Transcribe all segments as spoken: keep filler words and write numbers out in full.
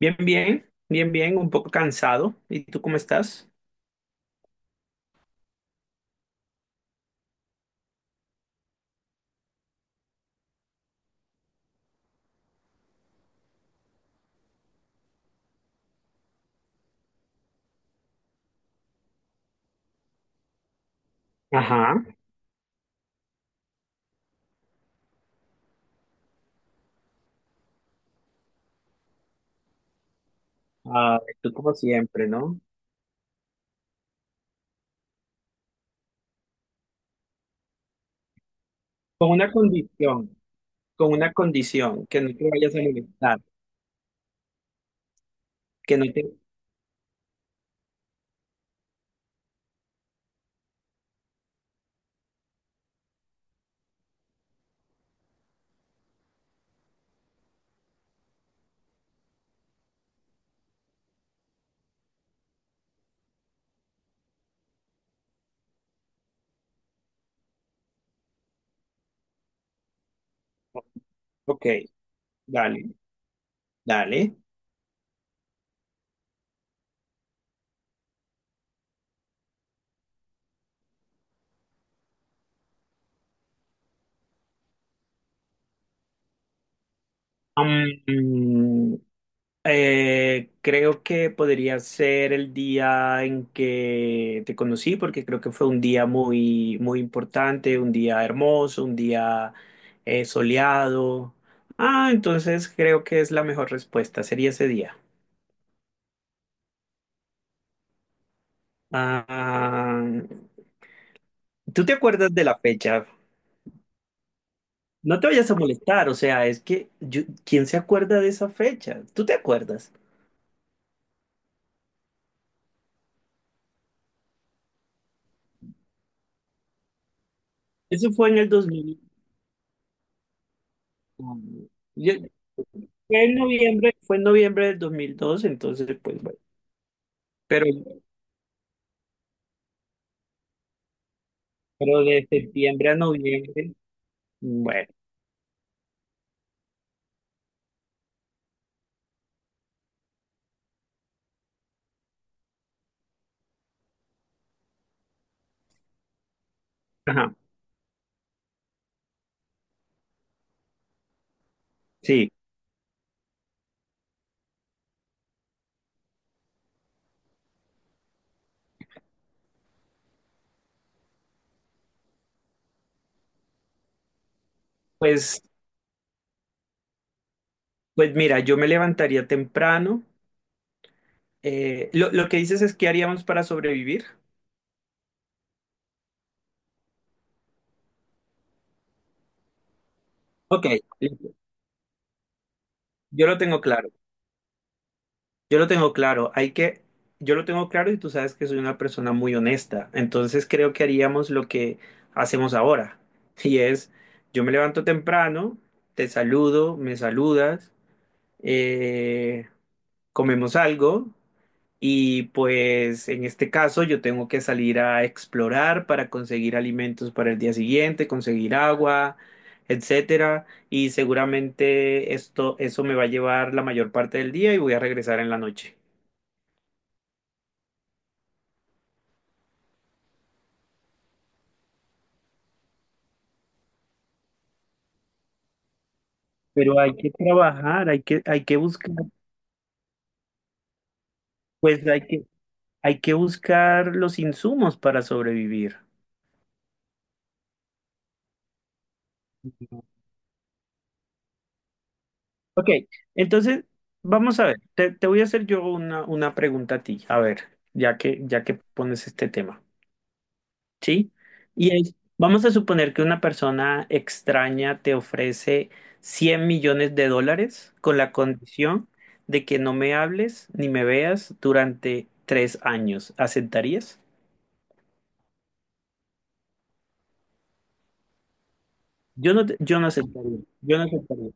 Bien, bien, bien, bien, un poco cansado. ¿Y tú cómo estás? Ajá. Ah, tú como siempre, ¿no? Con una condición, con una condición, que no te vayas a molestar, que no te... Ok, dale, dale. Am, Eh, creo que podría ser el día en que te conocí, porque creo que fue un día muy, muy importante, un día hermoso, un día eh, soleado. Ah, entonces creo que es la mejor respuesta, sería ese día. Ah, ¿tú te acuerdas de la fecha? No te vayas a molestar, o sea, es que yo- ¿quién se acuerda de esa fecha? ¿Tú te acuerdas? Eso fue en el dos mil. Yo, Fue en noviembre, fue en noviembre del dos mil dos, entonces pues bueno, pero, pero de septiembre a noviembre, bueno, ajá, sí, pues, pues, mira, yo me levantaría temprano. Eh, lo, lo que dices es qué haríamos para sobrevivir. Ok, listo. Yo lo tengo claro, yo lo tengo claro, hay que, yo lo tengo claro y tú sabes que soy una persona muy honesta, entonces creo que haríamos lo que hacemos ahora, y es, yo me levanto temprano, te saludo, me saludas. Eh, Comemos algo y pues en este caso yo tengo que salir a explorar para conseguir alimentos para el día siguiente, conseguir agua, etcétera, y seguramente esto eso me va a llevar la mayor parte del día y voy a regresar en la noche. Pero hay que trabajar, hay que hay que buscar, pues hay que hay que buscar los insumos para sobrevivir. Ok, entonces vamos a ver, te, te voy a hacer yo una, una pregunta a ti, a ver, ya que, ya que pones este tema, ¿sí? Y es, vamos a suponer que una persona extraña te ofrece cien millones de dólares con la condición de que no me hables ni me veas durante tres años. ¿Aceptarías? Yo no, te- yo no aceptaría, yo no aceptaría.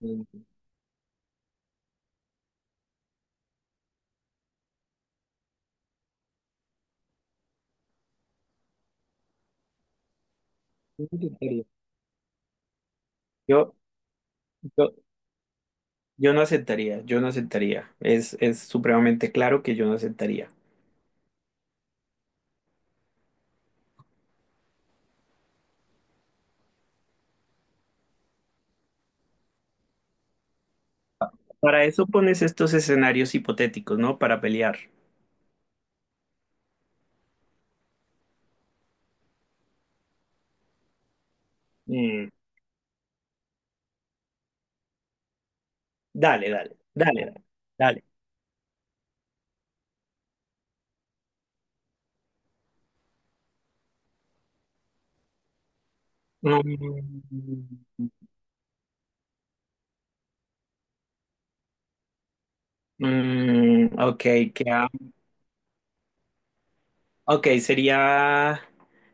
Yo no aceptaría. Yo, yo, Yo no aceptaría, yo no aceptaría. Es, es supremamente claro que yo no aceptaría. Para eso pones estos escenarios hipotéticos, ¿no? Para pelear. Mm, dale, dale, dale, dale, dale. Mm, mm, ok, ¿qué ha- ok, sería,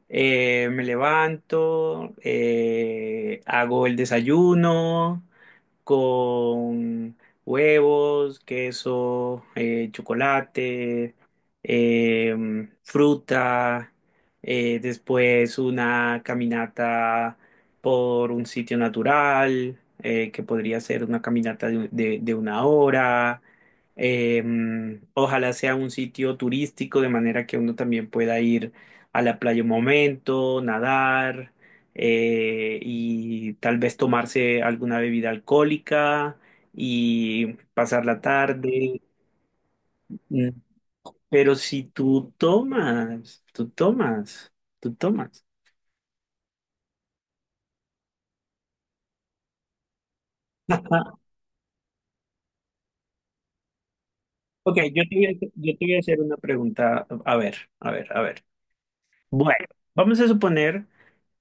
eh, me levanto, eh, hago el desayuno, con huevos, queso, eh, chocolate, eh, fruta, eh, después una caminata por un sitio natural, eh, que podría ser una caminata de, de- de una hora. eh, Ojalá sea un sitio turístico, de manera que uno también pueda ir a la playa un momento, nadar eh, y tal vez tomarse alguna bebida alcohólica y pasar la tarde. Mm, Pero si tú tomas, tú tomas, tú tomas. Ok, yo te voy a, yo te voy a hacer una pregunta. A ver, a ver, a ver. Bueno, vamos a suponer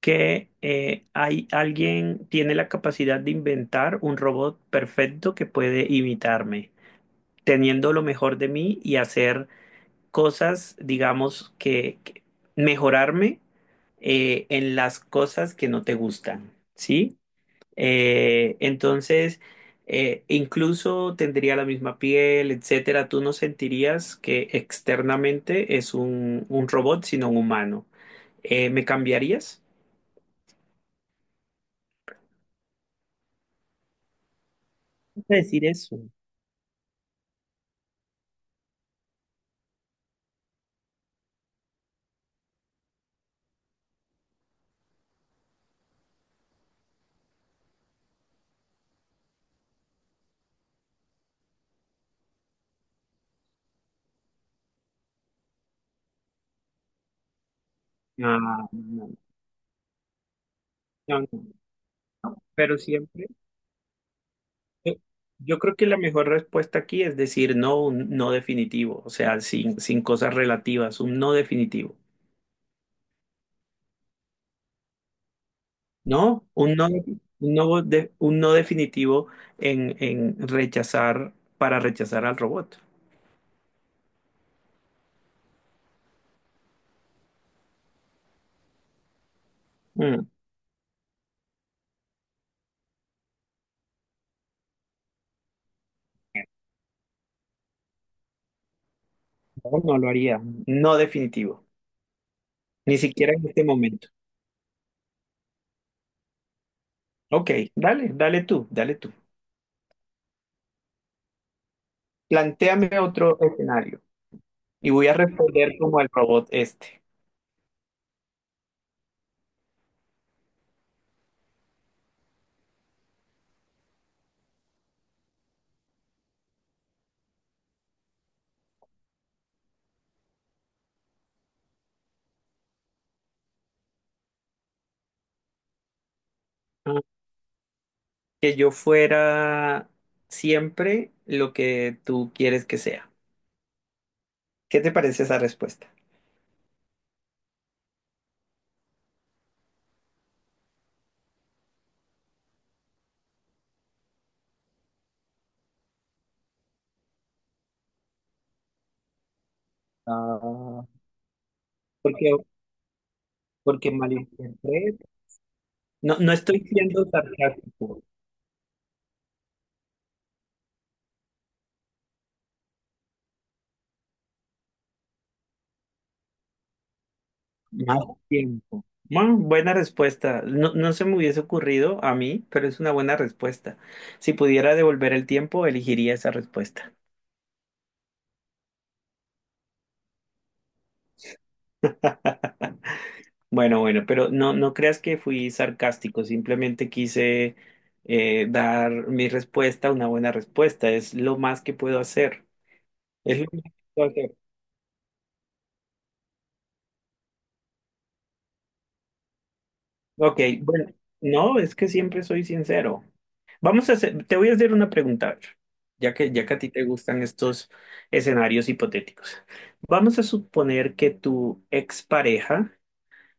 que eh, hay alguien tiene la capacidad de inventar un robot perfecto que puede imitarme, teniendo lo mejor de mí y hacer cosas, digamos, que, que mejorarme eh, en las cosas que no te gustan, ¿sí? Eh, entonces, eh, incluso tendría la misma piel, etcétera. Tú no sentirías que externamente es un, un robot, sino un humano. Eh, ¿me cambiarías? No sé decir eso. Ah, no, no, no, no. Pero siempre. Yo yo creo que la mejor respuesta aquí es decir no, un no definitivo, o sea, sin, sin cosas relativas, un no definitivo, ¿no? Un no, un no, de- un no definitivo en, en rechazar, para rechazar al robot. Mm, no, no lo haría, no definitivo, ni siquiera en este momento. Ok, dale, dale tú, dale tú. Plantéame otro escenario y voy a responder como el robot este. Que yo fuera siempre lo que tú quieres que sea. ¿Qué te parece esa respuesta? Ah, Porque, porque malinterpreto. No, no estoy siendo sarcástico. Más tiempo. Bueno, buena respuesta. No, no se me hubiese ocurrido a mí, pero es una buena respuesta. Si pudiera devolver el tiempo, elegiría esa respuesta. Bueno, bueno, pero no, no creas que fui sarcástico, simplemente quise eh, dar mi respuesta, una buena respuesta, es lo más que puedo hacer, es lo más que puedo hacer. Ok, bueno, no, es que siempre soy sincero. Vamos a hacer, te voy a hacer una pregunta, a ver, ya que, ya que a ti te gustan estos escenarios hipotéticos. Vamos a suponer que tu expareja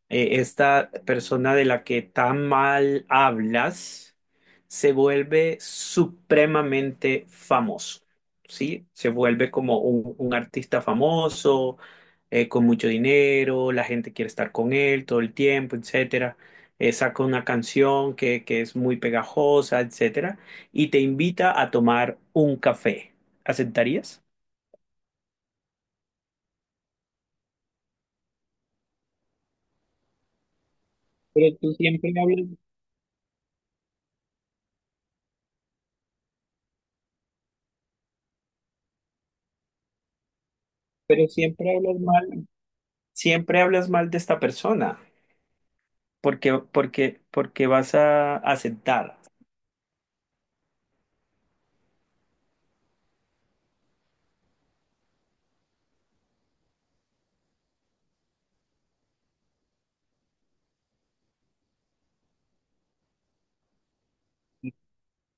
eh, esta persona de la que tan mal hablas se vuelve supremamente famoso, ¿sí? Se vuelve como un, un artista famoso, eh, con mucho dinero, la gente quiere estar con él todo el tiempo, etcétera. Eh, saca una canción que, que es muy pegajosa, etcétera, y te invita a tomar un café. ¿Aceptarías? Pero tú siempre hablas, pero siempre hablas mal, siempre hablas mal de esta persona. Porque, porque, porque vas a aceptar.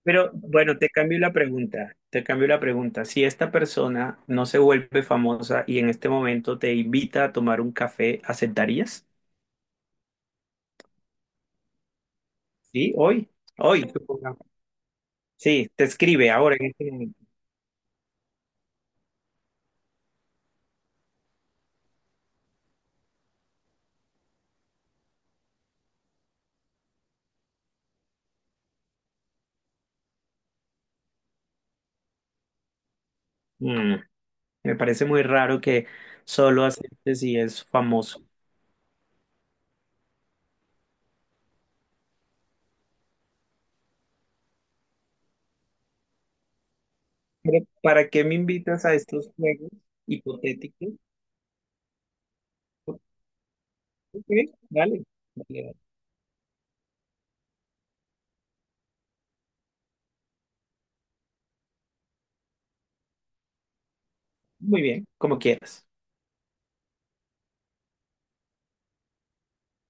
Pero bueno, te cambio la pregunta, te cambio la pregunta. Si esta persona no se vuelve famosa y en este momento te invita a tomar un café, ¿aceptarías? Sí, hoy, hoy, supongamos. Sí, te escribe ahora en este momento. Mm, Me parece muy raro que solo aceptes si es famoso. Pero, ¿para qué me invitas a estos juegos hipotéticos? Ok, dale, dale, dale. Muy bien, como quieras.